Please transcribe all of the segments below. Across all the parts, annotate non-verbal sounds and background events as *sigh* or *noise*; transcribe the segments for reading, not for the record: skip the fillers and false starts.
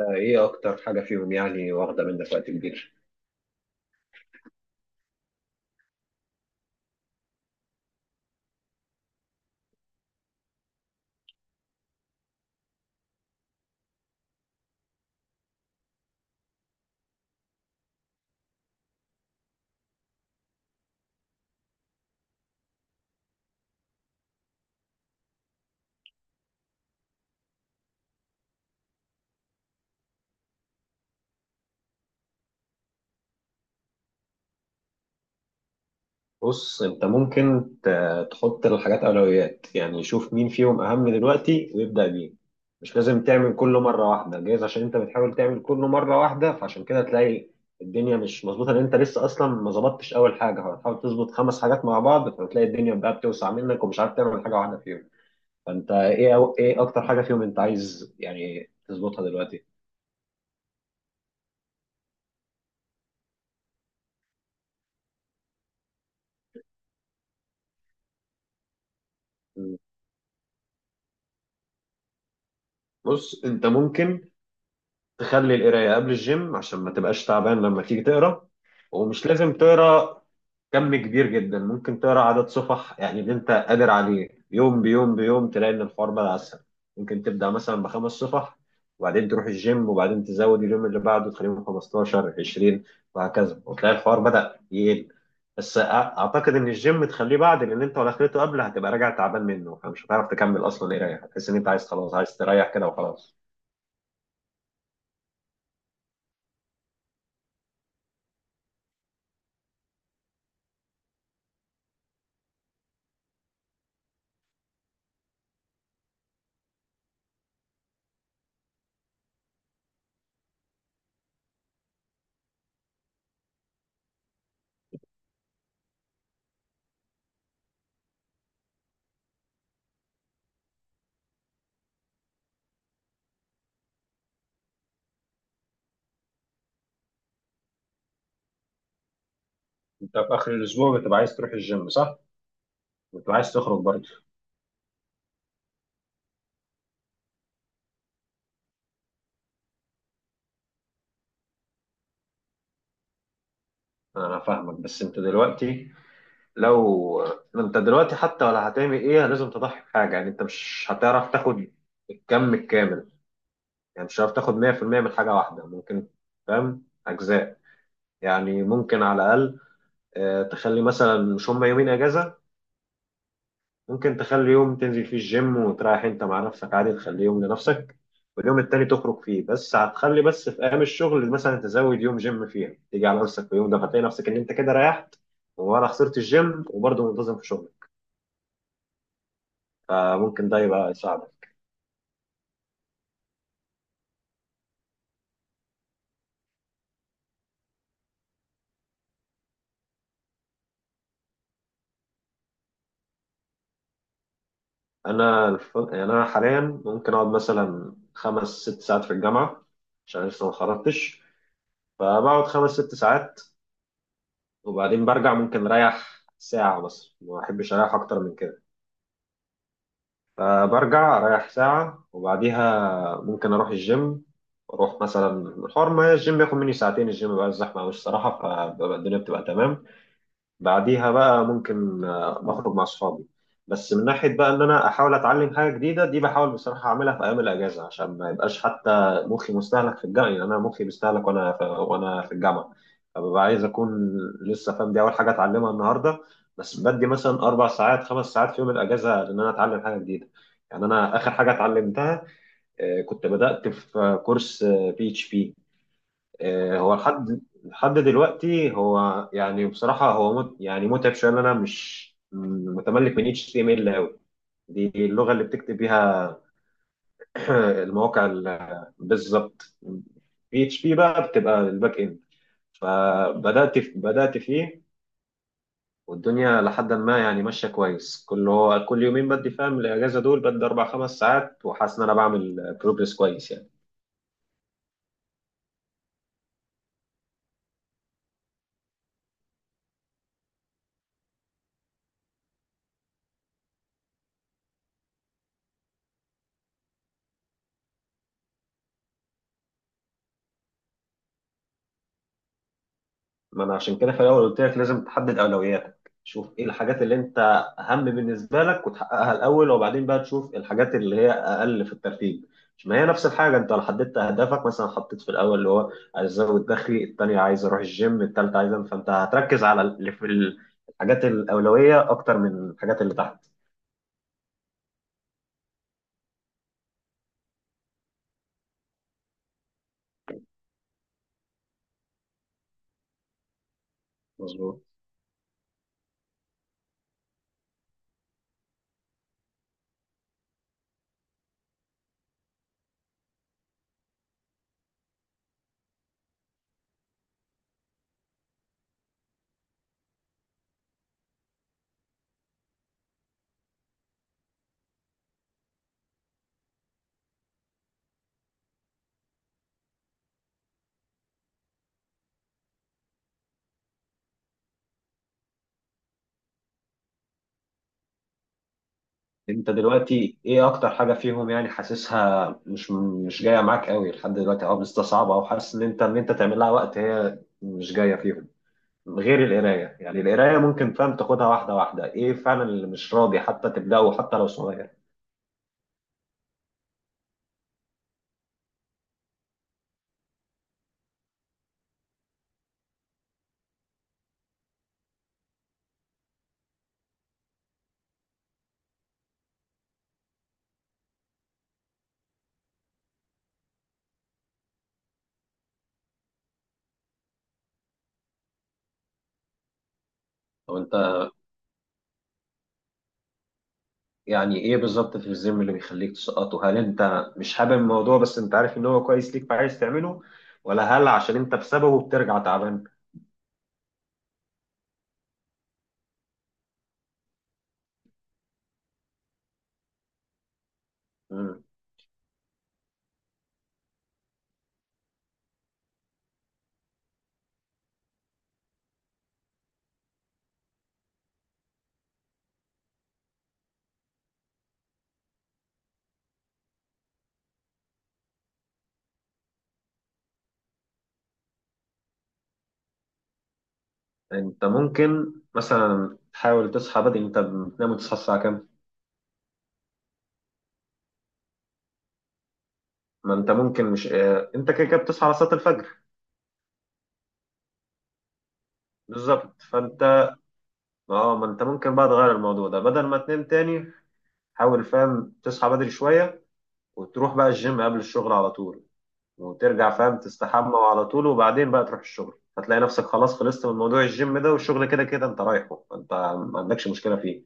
ايه اكتر حاجه فيهم، يعني واخده منك وقت كبير؟ بص، انت ممكن تحط الحاجات اولويات، يعني شوف مين فيهم اهم دلوقتي ويبدا بيه. مش لازم تعمل كله مره واحده، جايز عشان انت بتحاول تعمل كله مره واحده فعشان كده تلاقي الدنيا مش مظبوطه. لان انت لسه اصلا ما ظبطتش، اول حاجه هتحاول تظبط خمس حاجات مع بعض، فتلاقي الدنيا بقى بتوسع منك، ومش عارف تعمل حاجه واحده فيهم. فانت ايه اكتر حاجه فيهم انت عايز يعني تظبطها دلوقتي؟ بص، انت ممكن تخلي القرايه قبل الجيم عشان ما تبقاش تعبان لما تيجي تقرا. ومش لازم تقرا كم كبير جدا، ممكن تقرا عدد صفح يعني اللي انت قادر عليه، يوم بيوم بيوم تلاقي ان الحوار بقى اسهل. ممكن تبدا مثلا بخمس صفح، وبعدين تروح الجيم، وبعدين تزود اليوم اللي بعده تخليهم 15 20 وهكذا، وتلاقي الحوار بدا يقل. بس اعتقد ان الجيم تخليه بعد، لان انت لو دخلته قبل هتبقى راجع تعبان منه، فمش هتعرف تكمل اصلا قرايه، هتحس ان انت عايز خلاص، عايز تريح كده وخلاص. انت في اخر الاسبوع بتبقى عايز تروح الجيم صح؟ بتبقى عايز تخرج برضه. انا فاهمك، بس انت دلوقتي، لو انت دلوقتي حتى ولا هتعمل ايه لازم تضحي بحاجه، يعني انت مش هتعرف تاخد الكم الكامل. يعني مش هتعرف تاخد 100% من حاجه واحده، ممكن فاهم اجزاء. يعني ممكن على الاقل، تخلي مثلا، مش هم يومين اجازه. ممكن تخلي يوم تنزل فيه الجيم وتريح انت مع نفسك عادي، تخليه يوم لنفسك. واليوم التاني تخرج فيه، بس هتخلي بس في ايام الشغل مثلا تزود يوم جيم فيها، تيجي على نفسك في يوم ده، فتلاقي نفسك ان انت كده ريحت، ولا خسرت الجيم وبرضه منتظم في شغلك، فممكن ده يبقى يساعدك. انا يعني انا حاليا، ممكن اقعد مثلا خمس ست ساعات في الجامعه، عشان لسه ما خرجتش، فبقعد خمس ست ساعات. وبعدين برجع، ممكن اريح ساعه، بس ما احبش اريح اكتر من كده. فبرجع رايح ساعة، وبعديها ممكن أروح الجيم، أروح مثلا الحوار، ما الجيم بياخد مني ساعتين، الجيم بقى الزحمة أوي الصراحة، فالدنيا بتبقى تمام. بعديها بقى ممكن اخرج مع اصحابي. بس من ناحيه بقى ان انا احاول اتعلم حاجه جديده دي، بحاول بصراحه اعملها في ايام الاجازه، عشان ما يبقاش حتى مخي مستهلك في الجامعه، يعني انا مخي بيستهلك وانا في الجامعه. فببقى عايز اكون لسه فاهم، دي اول حاجه اتعلمها النهارده، بس بدي مثلا اربع ساعات خمس ساعات في يوم الاجازه ان انا اتعلم حاجه جديده. يعني انا اخر حاجه اتعلمتها، كنت بدات في كورس PHP. هو لحد دلوقتي هو يعني بصراحة هو يعني متعب شوية، إن أنا مش متملك من HTML أوي. دي اللغة اللي بتكتب بيها. *clears throat* المواقع بالظبط. PHP بقى بتبقى الباك إند. فبدأت في بدأت فيه. والدنيا لحد ما يعني ماشية كويس، كل يومين بدي فاهم الأجازة دول بدي أربع خمس ساعات، وحاسس إن أنا بعمل بروجرس كويس يعني. ما انا عشان كده في الاول قلت لك، لازم تحدد اولوياتك، شوف ايه الحاجات اللي انت اهم بالنسبه لك وتحققها الاول، وبعدين بقى تشوف الحاجات اللي هي اقل في الترتيب. مش ما هي نفس الحاجه، انت لو حددت اهدافك، مثلا حطيت في الاول اللي هو عايز ازود دخلي، الثانيه عايز اروح الجيم، الثالثه عايز فانت هتركز على اللي في الحاجات الاولويه اكتر من الحاجات اللي تحت. مظبوط. انت دلوقتي ايه اكتر حاجه فيهم، يعني حاسسها مش جايه معاك قوي لحد دلوقتي او مستصعبه، او حاسس ان انت تعمل لها وقت هي مش جايه فيهم غير القرايه، يعني القرايه ممكن فاهم تاخدها واحده واحده، ايه فعلا اللي مش راضي حتى تبداه حتى لو صغير؟ طب انت يعني ايه بالظبط في الجيم اللي بيخليك تسقطه؟ هل انت مش حابب الموضوع بس انت عارف ان هو كويس ليك فعايز تعمله، ولا هل عشان انت بسببه بترجع تعبان؟ مم. انت ممكن مثلا تحاول تصحى بدري، انت بتنام وتصحى الساعه كام؟ ما انت ممكن مش انت كده كده بتصحى على صلاه الفجر. بالظبط، فانت اه ما انت ممكن بقى تغير الموضوع ده، بدل ما تنام تاني. حاول فاهم تصحى بدري شويه، وتروح بقى الجيم قبل الشغل على طول، وترجع فاهم تستحمى على طول، وبعدين بقى تروح الشغل، هتلاقي نفسك خلاص خلصت من موضوع الجيم ده، والشغل كده كده انت رايحه، انت ما عندكش مشكلة فيه.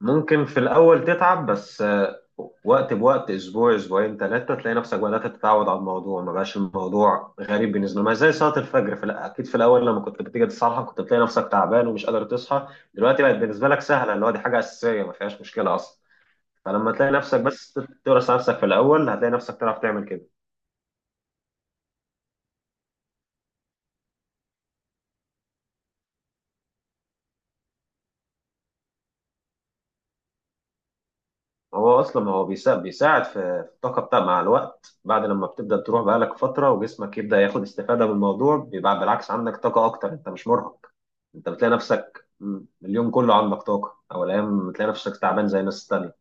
ممكن في الأول تتعب، بس وقت بوقت، أسبوع أسبوعين ثلاثة، تلاقي نفسك بدأت تتعود على الموضوع، ما بقاش الموضوع غريب بالنسبة لك، ما زي صلاة الفجر في أكيد في الأول لما كنت بتيجي تصحى كنت بتلاقي نفسك تعبان ومش قادر تصحى. دلوقتي بقت بالنسبة لك سهلة، اللي هو دي حاجة أساسية ما فيهاش مشكلة أصلا. فلما تلاقي نفسك بس تورث نفسك في الاول هتلاقي نفسك تعرف تعمل كده. هو اصلا بيساعد في الطاقه بتاع، مع الوقت، بعد لما بتبدا تروح بقالك فتره وجسمك يبدا ياخد استفاده من الموضوع، بيبقى بالعكس عندك طاقه اكتر، انت مش مرهق. انت بتلاقي نفسك اليوم كله عندك طاقه، او الايام بتلاقي نفسك تعبان زي الناس التانيه.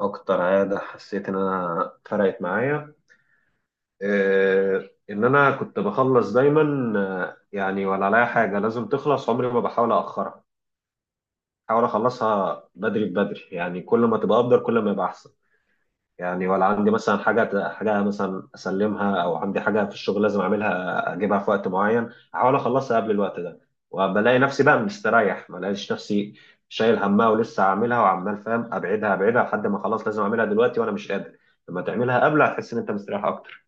اكتر عاده حسيت ان انا فرقت معايا، إيه ان انا كنت بخلص دايما، يعني ولا عليا حاجه لازم تخلص عمري ما بحاول اخرها. احاول اخلصها بدري بدري، يعني كل ما تبقى افضل كل ما يبقى احسن. يعني ولا عندي مثلا حاجه حاجه مثلا اسلمها، او عندي حاجه في الشغل لازم اعملها اجيبها في وقت معين، احاول اخلصها قبل الوقت ده، وبلاقي نفسي بقى مستريح، ما الاقيش نفسي شايل همها ولسه عاملها وعمال فاهم ابعدها ابعدها لحد ما خلاص لازم اعملها دلوقتي وانا مش قادر، لما تعملها قبل هتحس ان انت مستريح اكتر.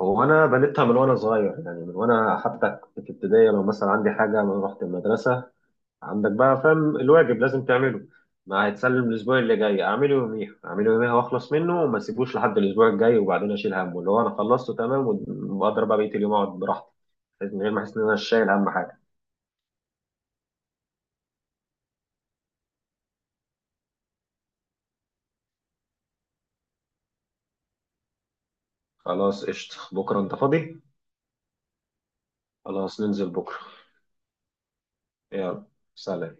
هو انا بنيتها من وانا صغير، يعني من وانا حتى كنت في ابتدائي، لو مثلا عندي حاجه لما رحت المدرسه عندك بقى فاهم الواجب لازم تعمله، ما هيتسلم الاسبوع اللي جاي اعمله يوميها اعمله يوميها واخلص منه، وما اسيبوش لحد الاسبوع الجاي، وبعدين اشيل همه اللي هو انا خلصته تمام، واقدر بقى بقيه اليوم اقعد براحتي من غير ما احس ان انا شايل اهم حاجه. خلاص، قشطه. بكره انت فاضي؟ خلاص، ننزل بكره. يلا. سلام.